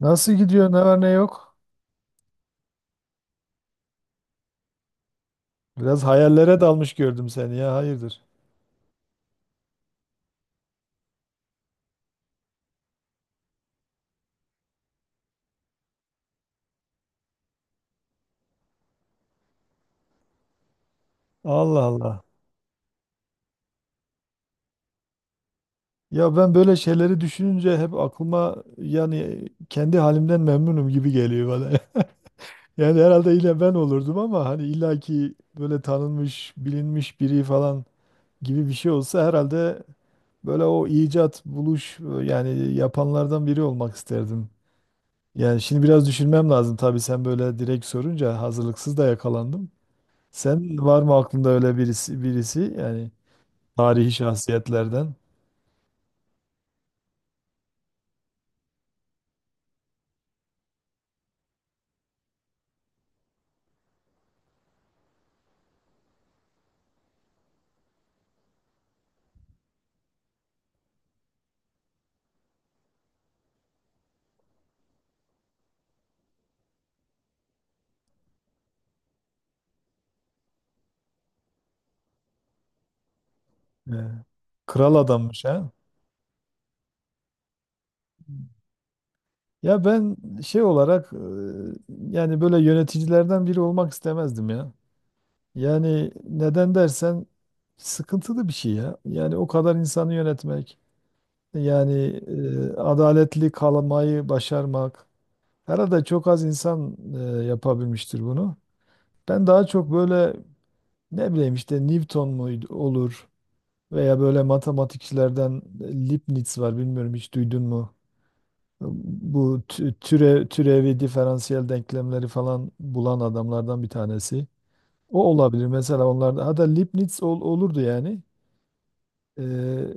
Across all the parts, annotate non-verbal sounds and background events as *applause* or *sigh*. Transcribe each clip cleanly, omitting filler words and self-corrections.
Nasıl gidiyor? Ne var ne yok? Biraz hayallere dalmış gördüm seni ya. Hayırdır? Allah Allah. Ya ben böyle şeyleri düşününce hep aklıma yani kendi halimden memnunum gibi geliyor bana. *laughs* Yani herhalde yine ben olurdum ama hani illaki böyle tanınmış, bilinmiş biri falan gibi bir şey olsa herhalde böyle o icat, buluş yani yapanlardan biri olmak isterdim. Yani şimdi biraz düşünmem lazım tabii sen böyle direkt sorunca hazırlıksız da yakalandım. Sen var mı aklında öyle birisi yani tarihi şahsiyetlerden? Ee, Kral adammış ha. Ya ben şey olarak yani böyle yöneticilerden biri olmak istemezdim ya. Yani neden dersen sıkıntılı bir şey ya. Yani o kadar insanı yönetmek, yani adaletli kalmayı başarmak. Herhalde çok az insan yapabilmiştir bunu. Ben daha çok böyle ne bileyim işte Newton muydu olur. Veya böyle matematikçilerden Leibniz var bilmiyorum hiç duydun mu? Bu türevi diferansiyel denklemleri falan bulan adamlardan bir tanesi. O olabilir mesela onlarda. Hatta Leibniz olurdu yani. Ee,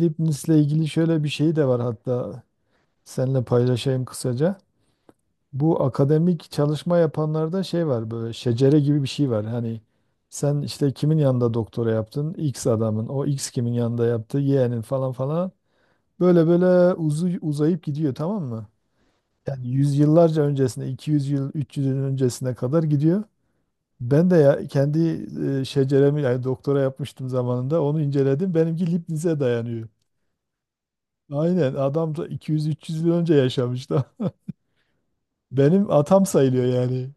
Leibniz'le ilgili şöyle bir şey de var hatta seninle paylaşayım kısaca. Bu akademik çalışma yapanlarda şey var böyle şecere gibi bir şey var. Hani sen işte kimin yanında doktora yaptın? X adamın. O X kimin yanında yaptı? Y'nin falan falan. Böyle böyle uzayıp gidiyor tamam mı? Yani yüzyıllarca öncesine, 200 yıl, 300 yıl öncesine kadar gidiyor. Ben de ya kendi şeceremi yani doktora yapmıştım zamanında onu inceledim. Benimki Leibniz'e dayanıyor. Aynen adam da 200 300 yıl önce yaşamış da. *laughs* Benim atam sayılıyor yani.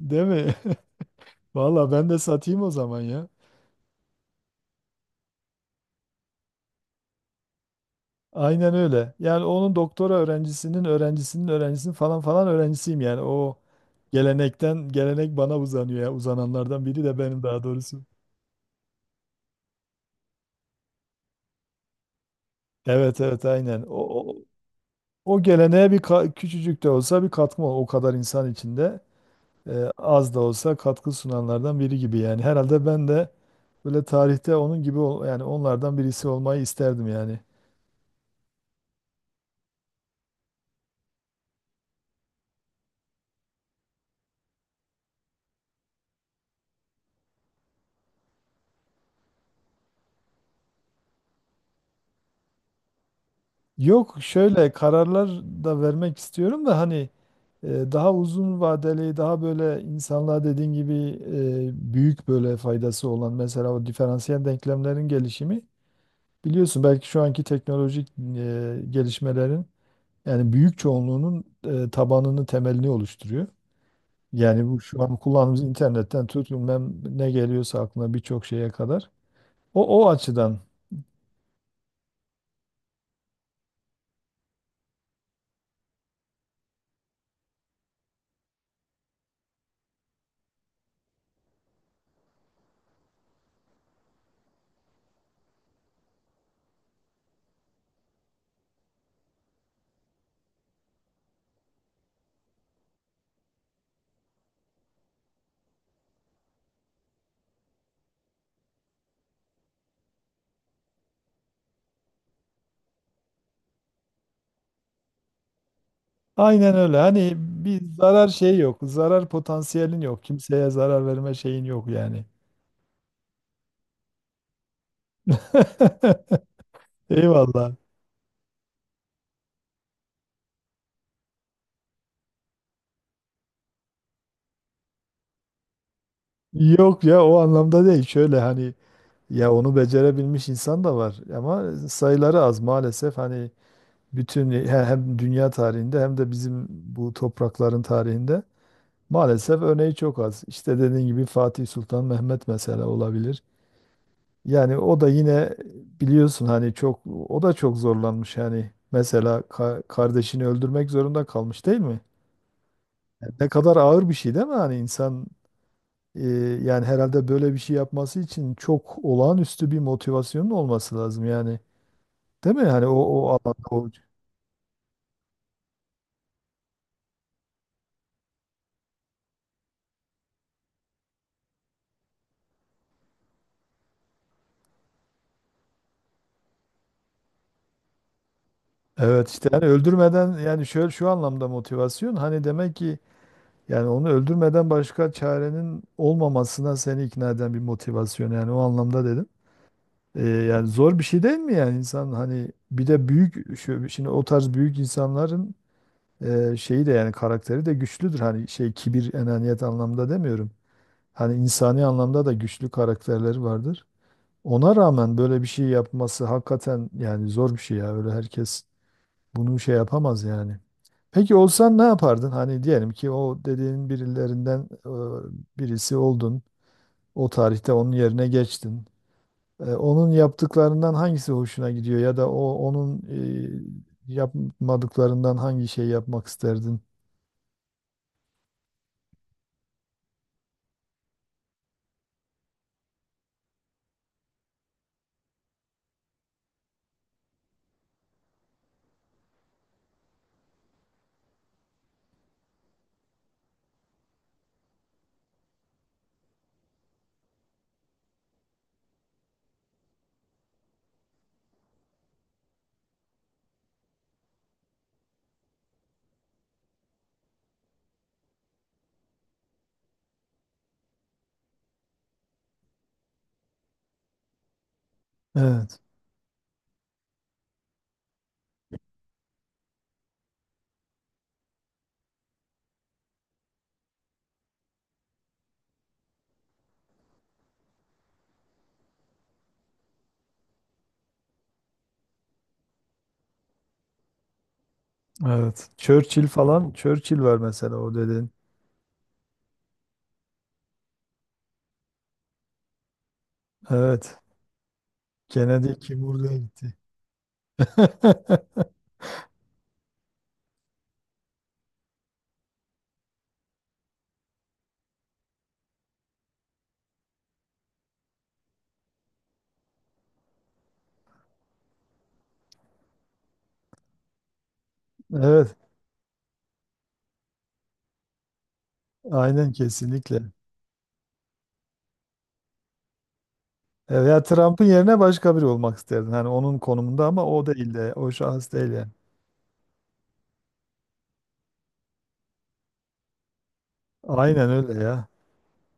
Değil mi? *laughs* Valla ben de satayım o zaman ya. Aynen öyle. Yani onun doktora öğrencisinin öğrencisinin öğrencisinin falan falan öğrencisiyim yani. O gelenekten gelenek bana uzanıyor ya. Uzananlardan biri de benim daha doğrusu. Evet evet aynen. O geleneğe bir küçücük de olsa bir katkım ol. O kadar insan içinde az da olsa katkı sunanlardan biri gibi yani. Herhalde ben de böyle tarihte onun gibi yani onlardan birisi olmayı isterdim yani. Yok şöyle kararlar da vermek istiyorum da hani E, daha uzun vadeli, daha böyle insanlığa dediğin gibi büyük böyle faydası olan mesela o diferansiyel denklemlerin gelişimi biliyorsun belki şu anki teknolojik gelişmelerin yani büyük çoğunluğunun tabanını, temelini oluşturuyor. Yani bu şu an kullandığımız internetten tut bilmem ne geliyorsa aklına birçok şeye kadar. O o açıdan aynen öyle. Hani bir zarar şey yok. Zarar potansiyelin yok. Kimseye zarar verme şeyin yok yani. *laughs* Eyvallah. Yok ya o anlamda değil. Şöyle hani ya onu becerebilmiş insan da var ama sayıları az maalesef. Hani bütün hem dünya tarihinde hem de bizim bu toprakların tarihinde maalesef örneği çok az. İşte dediğin gibi Fatih Sultan Mehmet mesela olabilir. Yani o da yine biliyorsun hani çok o da çok zorlanmış yani. Mesela kardeşini öldürmek zorunda kalmış değil mi? Yani ne kadar ağır bir şey değil mi? Hani insan Ee, yani herhalde böyle bir şey yapması için çok olağanüstü bir motivasyonun olması lazım yani. Değil mi? Hani o o alanda o. Evet işte yani öldürmeden yani şöyle şu anlamda motivasyon hani demek ki yani onu öldürmeden başka çarenin olmamasına seni ikna eden bir motivasyon yani o anlamda dedim. Yani zor bir şey değil mi yani insan hani bir de büyük şu, şimdi o tarz büyük insanların şeyi de yani karakteri de güçlüdür hani şey kibir enaniyet anlamda demiyorum. Hani insani anlamda da güçlü karakterleri vardır. Ona rağmen böyle bir şey yapması hakikaten yani zor bir şey ya. Öyle herkes bunu şey yapamaz yani. Peki olsan ne yapardın? Hani diyelim ki o dediğin birilerinden birisi oldun. O tarihte onun yerine geçtin. E, Onun yaptıklarından hangisi hoşuna gidiyor ya da o onun yapmadıklarından hangi şey yapmak isterdin? Evet, evet. Churchill falan, Churchill var mesela o dedin. Evet, Kennedy kim buraya gitti? *laughs* Evet, aynen kesinlikle. E, Veya Trump'ın yerine başka biri olmak isterdin. Hani onun konumunda ama o değil de, o şahıs değil yani. Aynen öyle ya.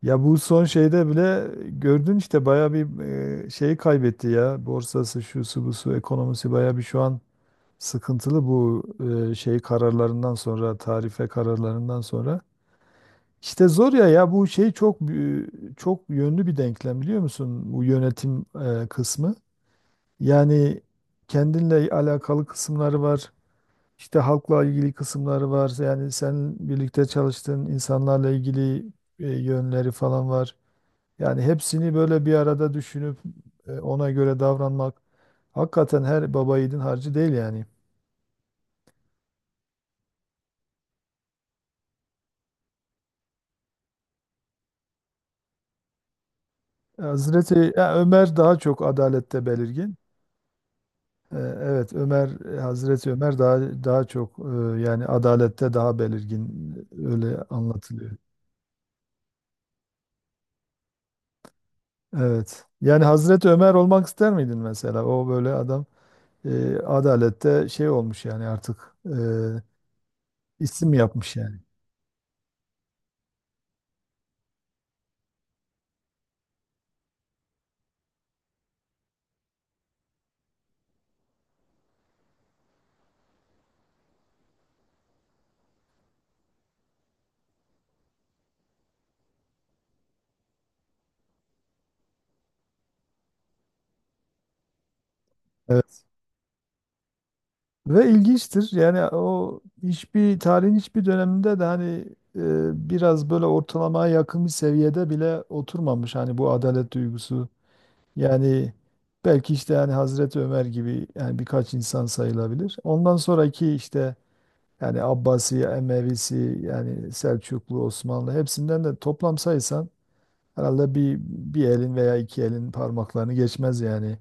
Ya bu son şeyde bile gördün işte bayağı bir şeyi kaybetti ya. Borsası, şusu, busu, ekonomisi bayağı bir şu an sıkıntılı bu şey kararlarından sonra, tarife kararlarından sonra. İşte zor ya ya bu şey çok çok yönlü bir denklem biliyor musun? Bu yönetim kısmı. Yani kendinle alakalı kısımları var. İşte halkla ilgili kısımları var. Yani sen birlikte çalıştığın insanlarla ilgili yönleri falan var. Yani hepsini böyle bir arada düşünüp ona göre davranmak hakikaten her baba yiğidin harcı değil yani. Hazreti ya Ömer daha çok adalette belirgin. E, Evet Ömer, Hazreti Ömer daha çok yani adalette daha belirgin, öyle anlatılıyor. Evet. Yani Hazreti Ömer olmak ister miydin mesela? O böyle adam adalette şey olmuş yani artık, isim yapmış yani. Evet. Ve ilginçtir. Yani o hiçbir tarihin hiçbir döneminde de hani e, biraz böyle ortalamaya yakın bir seviyede bile oturmamış. Hani bu adalet duygusu. Yani belki işte yani Hazreti Ömer gibi yani birkaç insan sayılabilir. Ondan sonraki işte yani Abbasi, Emevisi, yani Selçuklu, Osmanlı hepsinden de toplam saysan herhalde bir elin veya iki elin parmaklarını geçmez yani.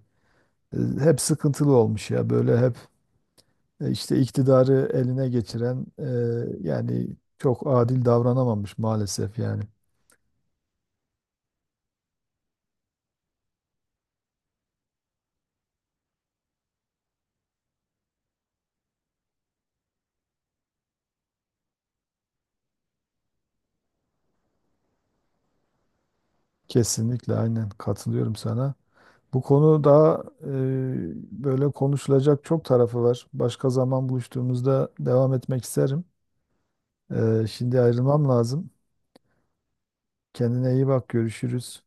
E, Hep sıkıntılı olmuş ya böyle hep işte iktidarı eline geçiren, yani çok adil davranamamış maalesef yani. Kesinlikle aynen katılıyorum sana. Bu konuda böyle konuşulacak çok tarafı var. Başka zaman buluştuğumuzda devam etmek isterim. E, şimdi ayrılmam lazım. Kendine iyi bak, görüşürüz.